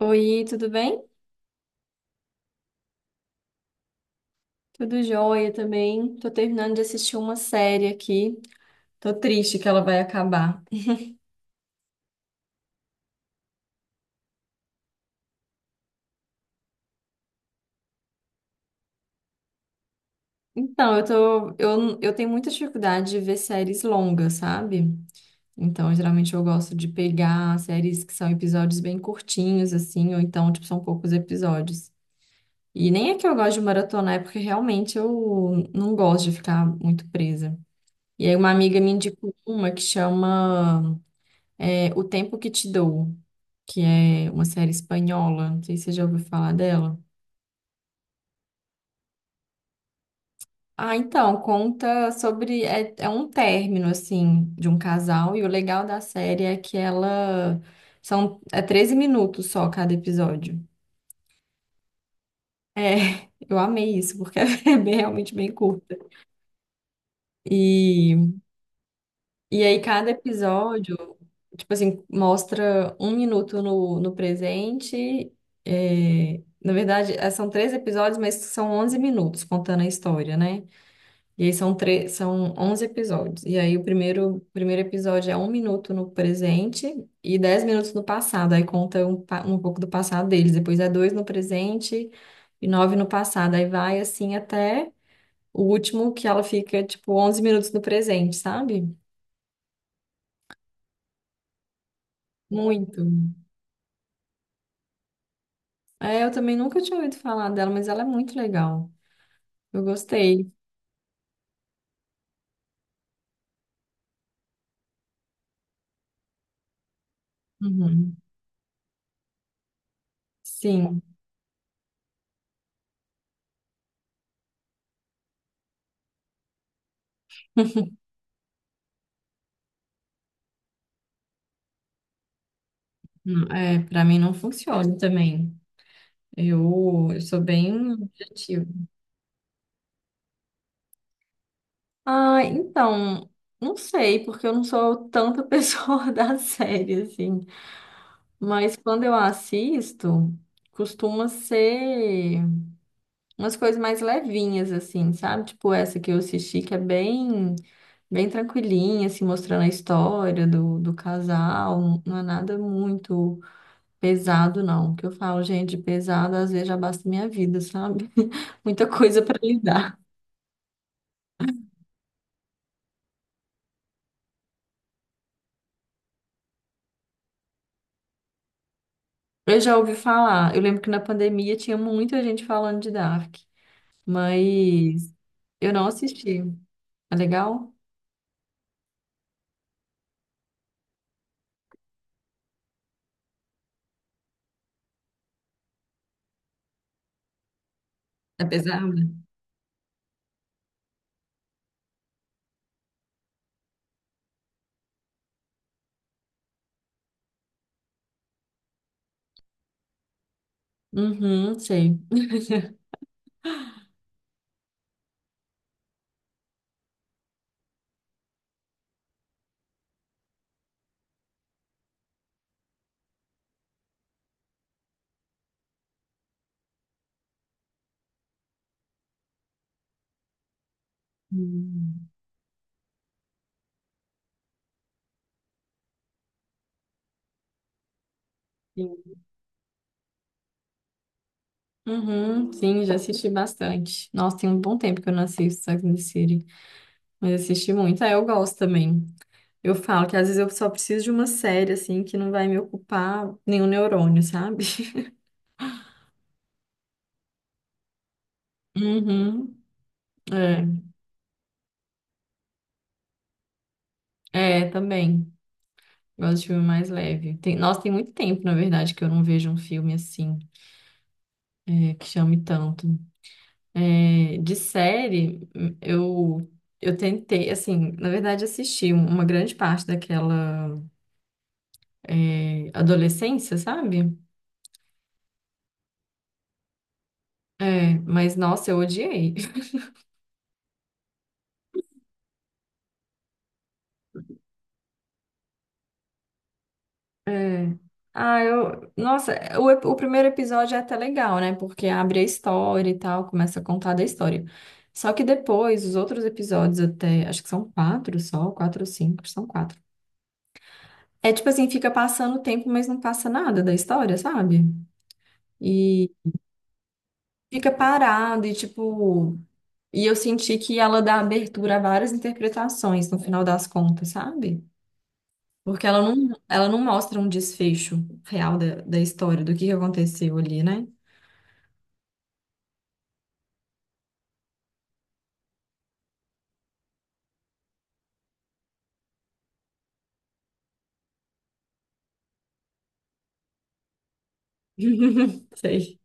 Oi, tudo bem? Tudo jóia também. Tô terminando de assistir uma série aqui. Tô triste que ela vai acabar. Então, eu tenho muita dificuldade de ver séries longas, sabe? Então, geralmente eu gosto de pegar séries que são episódios bem curtinhos, assim, ou então, tipo, são poucos episódios. E nem é que eu gosto de maratonar, é porque realmente eu não gosto de ficar muito presa. E aí uma amiga me indicou uma que chama É O Tempo Que Te Dou, que é uma série espanhola. Não sei se você já ouviu falar dela. Ah, então, conta sobre. É, é um término, assim, de um casal. E o legal da série é que ela. São, é 13 minutos só cada episódio. É, eu amei isso, porque realmente bem curta. E E aí, cada episódio, tipo assim, mostra um minuto no presente. É, na verdade, é, são três episódios, mas são 11 minutos contando a história, né? E aí são 11 episódios. E aí, o primeiro episódio é 1 minuto no presente e 10 minutos no passado. Aí conta um pouco do passado deles. Depois é dois no presente e nove no passado. Aí vai assim até o último, que ela fica, tipo, 11 minutos no presente, sabe? Muito. É, eu também nunca tinha ouvido falar dela, mas ela é muito legal. Eu gostei. Uhum. Sim, é, para mim não funciona também. Eu sou bem objetiva. Ah, então, não sei, porque eu não sou tanta pessoa da série, assim. Mas quando eu assisto, costuma ser umas coisas mais levinhas, assim, sabe? Tipo essa que eu assisti, que é bem, bem tranquilinha, assim, mostrando a história do, casal. Não é nada muito pesado, não. Que eu falo, gente, pesado às vezes já basta minha vida, sabe? Muita coisa para lidar. Eu já ouvi falar, eu lembro que na pandemia tinha muita gente falando de Dark, mas eu não assisti. É legal? É pesado? Uhum, sei. Hum. Sim. Uhum, sim, já assisti bastante. Nossa, tem um bom tempo que eu não assisto Sex and the City. Mas assisti muito. Ah, eu gosto também. Eu falo que às vezes eu só preciso de uma série, assim, que não vai me ocupar nenhum neurônio, sabe? Uhum. É, é, também. Gosto de filme mais leve. Tem, nossa, tem muito tempo, na verdade, que eu não vejo um filme assim, é, que chame tanto. É, de série, eu, eu tentei, assim, na verdade, assisti uma grande parte daquela, é, adolescência, sabe? É, mas nossa, eu odiei. É. Ah, eu. Nossa, o primeiro episódio é até legal, né? Porque abre a história e tal, começa a contar da história. Só que depois, os outros episódios, até. Acho que são quatro só, quatro ou cinco, são quatro. É tipo assim, fica passando o tempo, mas não passa nada da história, sabe? E fica parado e tipo. E eu senti que ela dá abertura a várias interpretações no final das contas, sabe? Porque ela não mostra um desfecho real da história, do que aconteceu ali, né? Sei.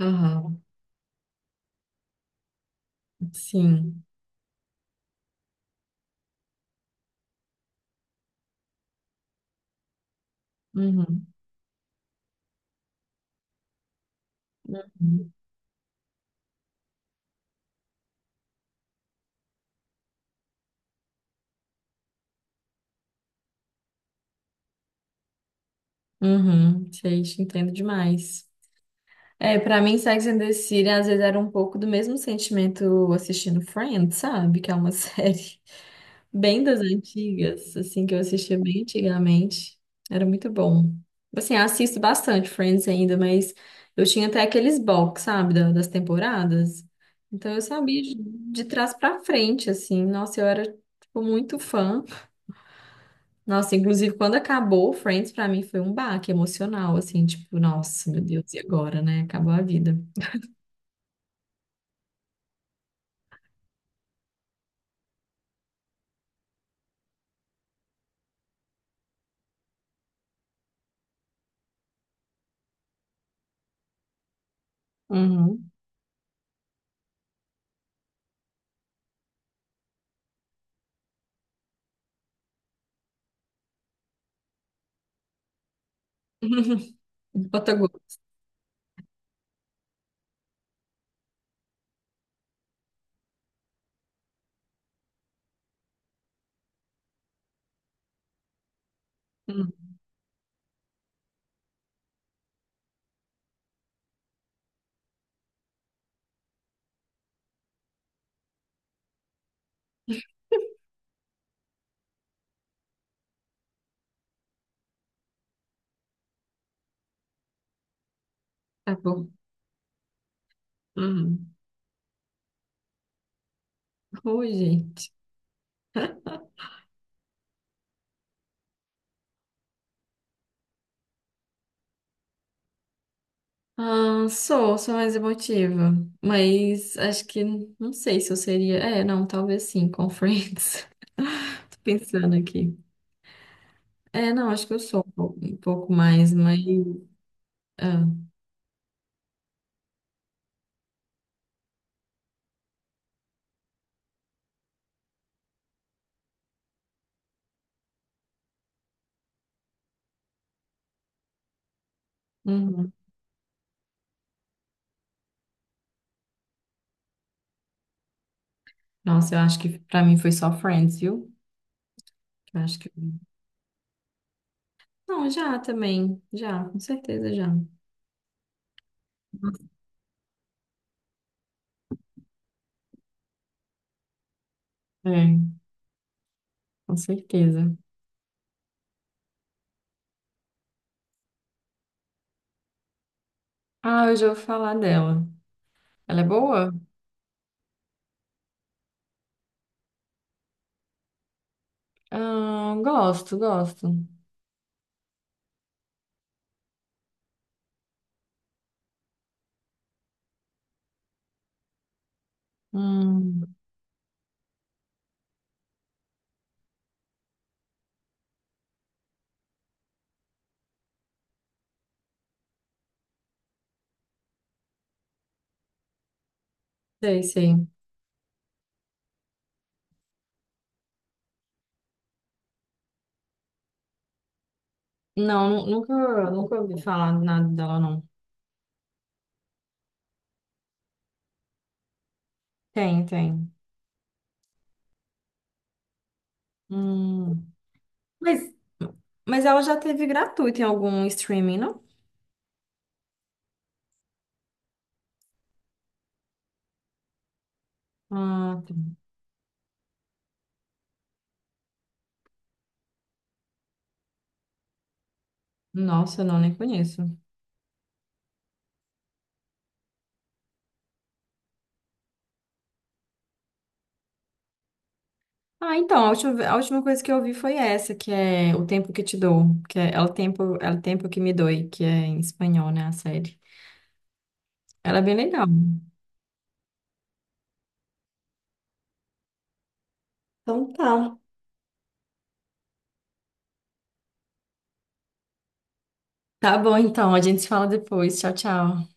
Aham, sim. Uhum. Uhum. Uhum. Sei, te entendo demais. É, pra mim, Sex and the City às vezes era um pouco do mesmo sentimento assistindo Friends, sabe? Que é uma série bem das antigas, assim, que eu assistia bem antigamente. Era muito bom. Assim, eu assisto bastante Friends ainda, mas eu tinha até aqueles box, sabe, das temporadas. Então eu sabia de trás pra frente, assim. Nossa, eu era, tipo, muito fã. Nossa, inclusive quando acabou Friends, pra mim foi um baque emocional, assim, tipo, nossa, meu Deus, e agora, né? Acabou a vida. Uhum. Bota gosto. Hum, Acabou. Hum. Oi, gente. Ah, sou mais emotiva, mas acho que não sei se eu seria. É, não, talvez sim, com Friends. Tô pensando aqui. É, não, acho que eu sou um pouco mais, mas. Ah. Uhum. Nossa, eu acho que pra mim foi só Friends, viu? Eu acho que. Não, já também. Já, com certeza já. É, com certeza. Ah, eu já ouvi falar dela. Ela é boa? Ah, gosto, gosto. Hum, sei, sei. Não, nunca ouvi falar nada dela, não. Tem, tem. Hum, mas, mas ela já teve gratuito em algum streaming, não? Ah, tá. Nossa, não, nem conheço. Ah, então, a última coisa que eu ouvi foi essa, que é O Tempo Que Te Dou, que é El Tempo, El Tempo Que Me Doi, que é em espanhol, né, a série. Ela é bem legal. Então tá. Tá bom, então, a gente se fala depois. Tchau, tchau.